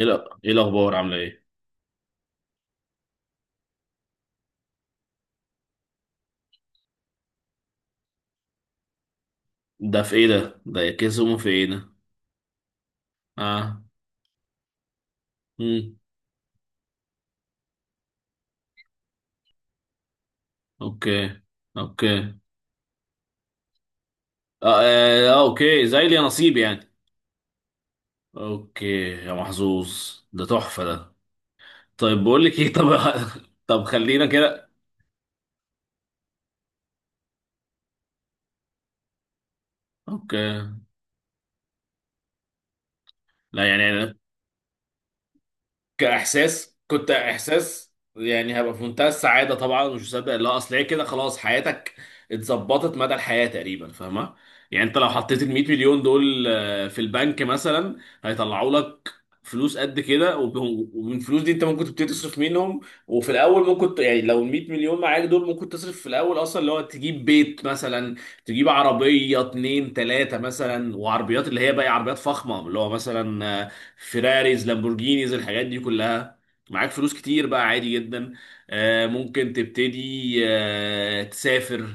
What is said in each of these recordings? ايه، لا، ايه الاخبار؟ عامله ايه؟ ده في ايه ده يكسهم في ايه ده؟ اه. امم اوكي. اوكي اه, آه، اوكي، زي لي نصيب يعني. اوكي. يا محظوظ، ده تحفه ده. طيب بقول لك ايه، طب طب خلينا كده. اوكي. لا يعني كاحساس، كنت احساس يعني هبقى في منتهى السعاده طبعا، مش مصدق، لا اصل هي كده خلاص حياتك اتظبطت مدى الحياه تقريبا، فاهمه؟ يعني انت لو حطيت ال 100 مليون دول في البنك مثلا هيطلعوا لك فلوس قد كده، ومن الفلوس دي انت ممكن تبتدي تصرف منهم. وفي الاول ممكن يعني لو ال 100 مليون معاك دول، ممكن تصرف في الاول اصلا اللي هو تجيب بيت مثلا، تجيب عربيه اتنين تلاته مثلا، وعربيات اللي هي بقى عربيات فخمه اللي هو مثلا فيراريز، لامبورجينيز، الحاجات دي كلها. معاك فلوس كتير بقى عادي جدا. ممكن تبتدي تسافر،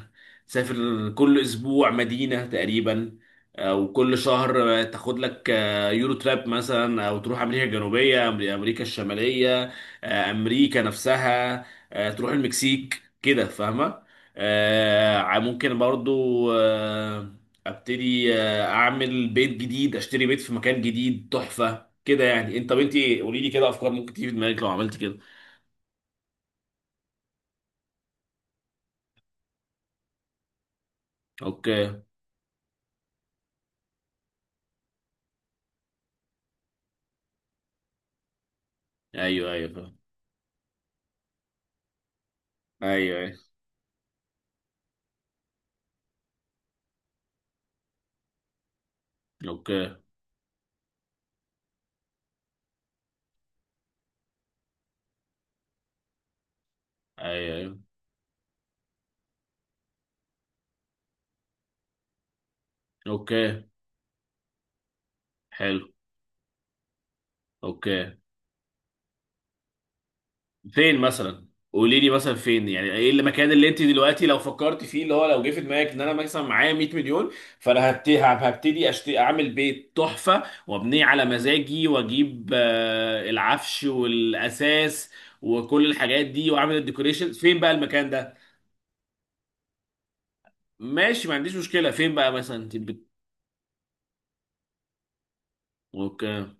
تسافر كل اسبوع مدينة تقريبا، او كل شهر تاخد لك يورو تراب مثلا، او تروح امريكا الجنوبية، امريكا الشمالية، امريكا نفسها، تروح المكسيك كده، فاهمة؟ ممكن برضو ابتدي اعمل بيت جديد، اشتري بيت في مكان جديد تحفة كده. يعني انت، طب انت قولي لي كده افكار ممكن تيجي في دماغك لو عملت كده. اوكي. ايوه ايوه، فاهم. ايوه ايوه. اوكي. ايوه ايوه. اوكي. حلو. اوكي. فين مثلا؟ قولي لي مثلا فين، يعني ايه المكان اللي انت دلوقتي لو فكرت فيه، اللي هو لو جه في دماغك ان انا مثلا معايا 100 مليون، فانا هبتدي، اشتري، اعمل بيت تحفه وابنيه على مزاجي، واجيب العفش والاساس وكل الحاجات دي، واعمل الديكوريشن. فين بقى المكان ده؟ ماشي، ما عنديش مشكلة، فين بقى مثلا؟ اوكي.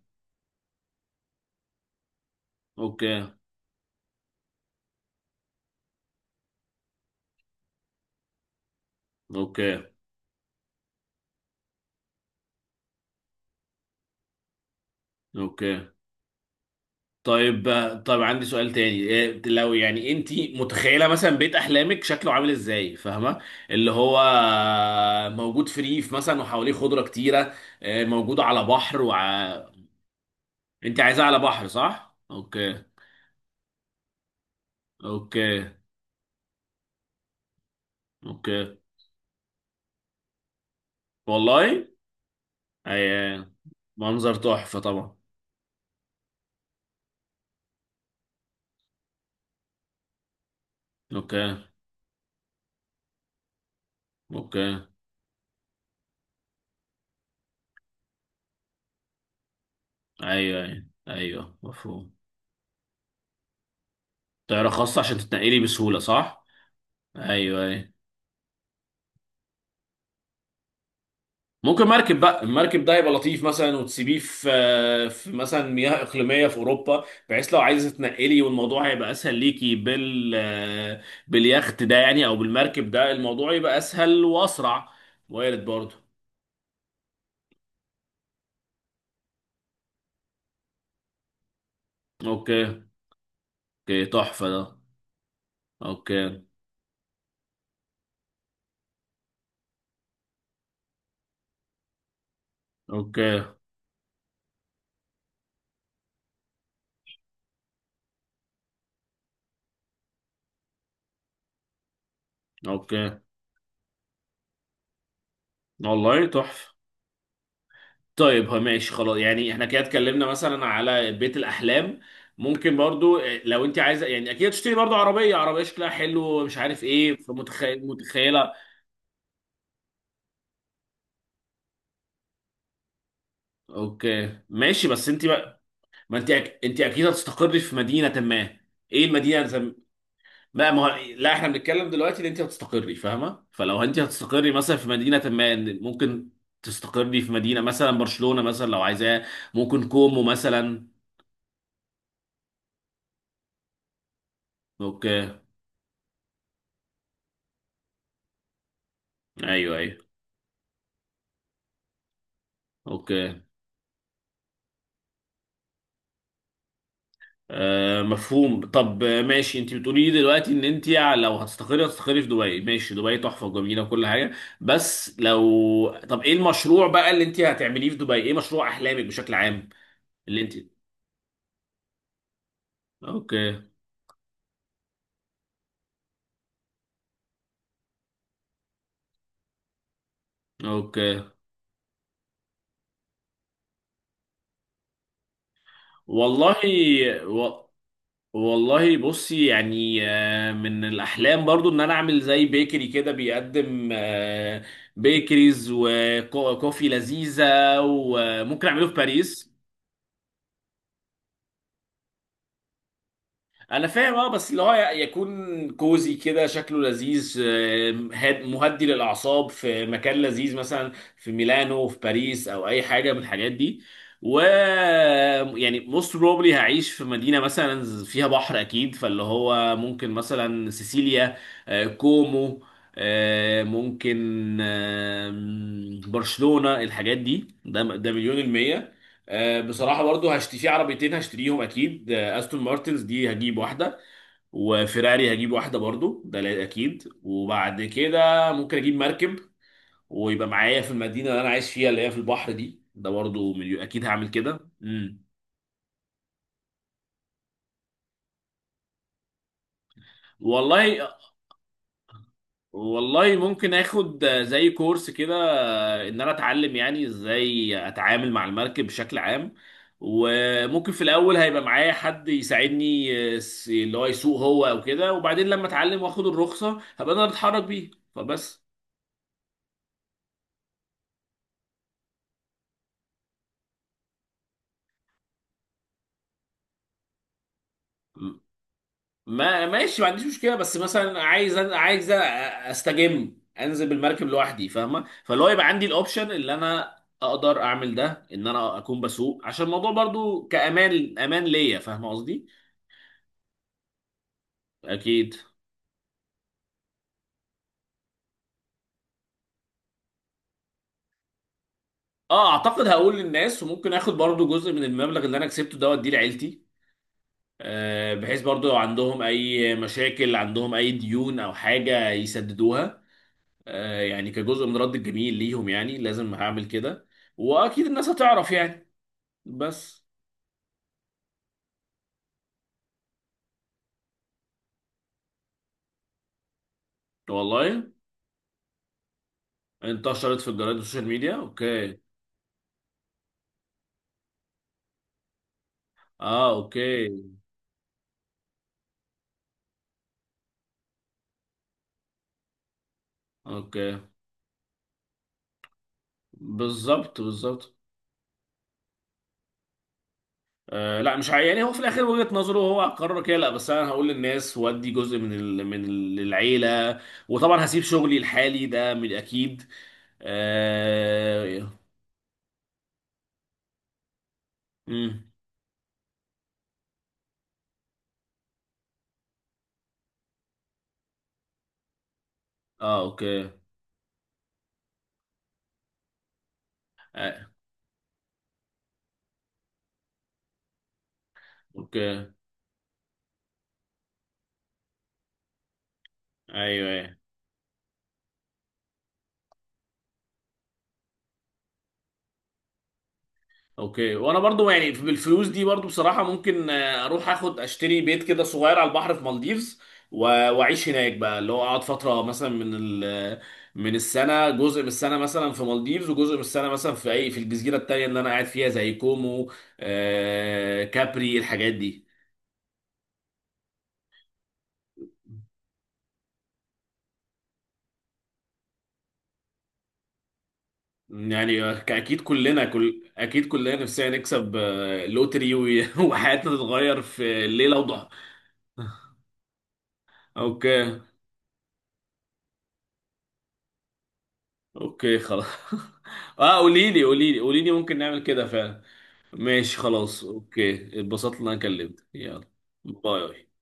اوكي. اوكي. اوكي. طيب. طيب عندي سؤال تاني، إيه لو يعني انت متخيله مثلا بيت احلامك شكله عامل ازاي، فاهمه؟ اللي هو موجود في ريف مثلا وحواليه خضره كتيره، موجود على بحر انت عايزاه على بحر، صح؟ اوكي. اوكي. اوكي. والله. اي. منظر تحفه طبعا. اوكي. اوكي. ايوه ايوه ايوه، مفهوم. طياره خاصه عشان تتنقلي بسهوله، صح؟ ايوه أيوة. ممكن مركب بقى، المركب ده يبقى لطيف مثلا، وتسيبيه في، في مثلا مياه اقليميه في اوروبا، بحيث لو عايزه تنقلي، والموضوع هيبقى اسهل ليكي بال، باليخت ده يعني او بالمركب ده، الموضوع يبقى اسهل واسرع. وارد برضه. اوكي. اوكي، تحفه ده. اوكي. اوكي. اوكي. والله تحفه. طيب هو ماشي خلاص يعني، احنا كده اتكلمنا مثلا على بيت الاحلام. ممكن برضو لو انت عايزه، يعني اكيد تشتري برضو عربيه، عربيه شكلها حلو ومش عارف ايه، فمتخيل متخيله. اوكي ماشي، بس انت بقى، ما انت انت اكيد هتستقري في مدينه ما. ايه المدينه بقى، ما لا احنا بنتكلم دلوقتي ان انت هتستقري، فاهمه؟ فلو انت هتستقري مثلا في مدينه ما، إن ممكن تستقري في مدينه مثلا برشلونه مثلا لو عايزاه، ممكن كومو مثلا. اوكي. ايوه ايوه. اوكي. آه مفهوم. طب ماشي. انت بتقولي لي دلوقتي ان انت لو هتستقري هتستقري في دبي. ماشي، دبي تحفه وجميله وكل حاجه، بس لو طب ايه المشروع بقى اللي انت هتعمليه في دبي؟ ايه مشروع احلامك بشكل عام اللي انت؟ اوكي. اوكي. والله. و... والله بصي يعني من الاحلام برضو ان انا اعمل زي بيكري كده بيقدم بيكريز وكوفي لذيذه، وممكن اعمله في باريس. انا فاهم، اه بس اللي هو يكون كوزي كده، شكله لذيذ، مهدي للاعصاب، في مكان لذيذ مثلا في ميلانو، في باريس، او اي حاجه من الحاجات دي. و يعني موست بروبلي هعيش في مدينه مثلا فيها بحر اكيد، فاللي هو ممكن مثلا سيسيليا، كومو، ممكن برشلونه، الحاجات دي. ده مليون المية. بصراحة برضو هشتري في عربيتين، هشتريهم أكيد، أستون مارتنز دي هجيب واحدة، وفيراري هجيب واحدة برضو، ده لا- أكيد. وبعد كده ممكن أجيب مركب، ويبقى معايا في المدينة اللي أنا عايش فيها، اللي هي في البحر دي، ده برضو أكيد هعمل كده. والله. والله ممكن آخد زي كورس كده ان انا اتعلم يعني ازاي اتعامل مع المركب بشكل عام، وممكن في الاول هيبقى معايا حد يساعدني اللي هو يسوق هو او كده، وبعدين لما اتعلم واخد الرخصة هبقى انا بتحرك بيه، فبس. م- ما ماشي، ما عنديش مشكلة، بس مثلا عايز عايز استجم انزل بالمركب لوحدي، فاهمة؟ فاللي هو يبقى عندي الاوبشن اللي انا اقدر اعمل ده ان انا اكون بسوق، عشان الموضوع برضو كامان امان ليا، فاهمة قصدي؟ اكيد. اه اعتقد هقول للناس، وممكن اخد برضو جزء من المبلغ اللي انا كسبته ده واديه لعيلتي بحيث برضو لو عندهم اي مشاكل، عندهم اي ديون او حاجة يسددوها، يعني كجزء من رد الجميل ليهم، يعني لازم هعمل كده. واكيد الناس هتعرف يعني. بس. والله. انتشرت في الجرايد والسوشيال ميديا، اوكي. اه. اوكي. اوكي. بالظبط بالظبط. آه لا مش يعني هو في الاخر وجهة نظره، هو هقرر كده. لا بس انا هقول للناس وادي جزء من من العيله. وطبعا هسيب شغلي الحالي ده من اكيد. اه, مم. آه. اوكي. آه. اوكي. ايوه أيوة. اوكي. وانا برضو يعني بالفلوس دي برضو بصراحة ممكن اروح اخد اشتري بيت كده صغير على البحر في مالديفز، واعيش هناك بقى، اللي هو اقعد فترة مثلا من ال، من السنة، جزء من السنة مثلا في مالديفز، وجزء من السنة مثلا في اي في الجزيرة التانية اللي انا قاعد فيها زي كومو، كابري، الحاجات دي. يعني اكيد كلنا، كل اكيد كلنا نفسنا نكسب لوتري وحياتنا تتغير في ليلة وضحى. اوكي. اوكي خلاص اه قولي لي، قولي لي ممكن نعمل كده فعلا. ماشي خلاص، اوكي، اتبسطت ان انا كلمتك، يلا. باي.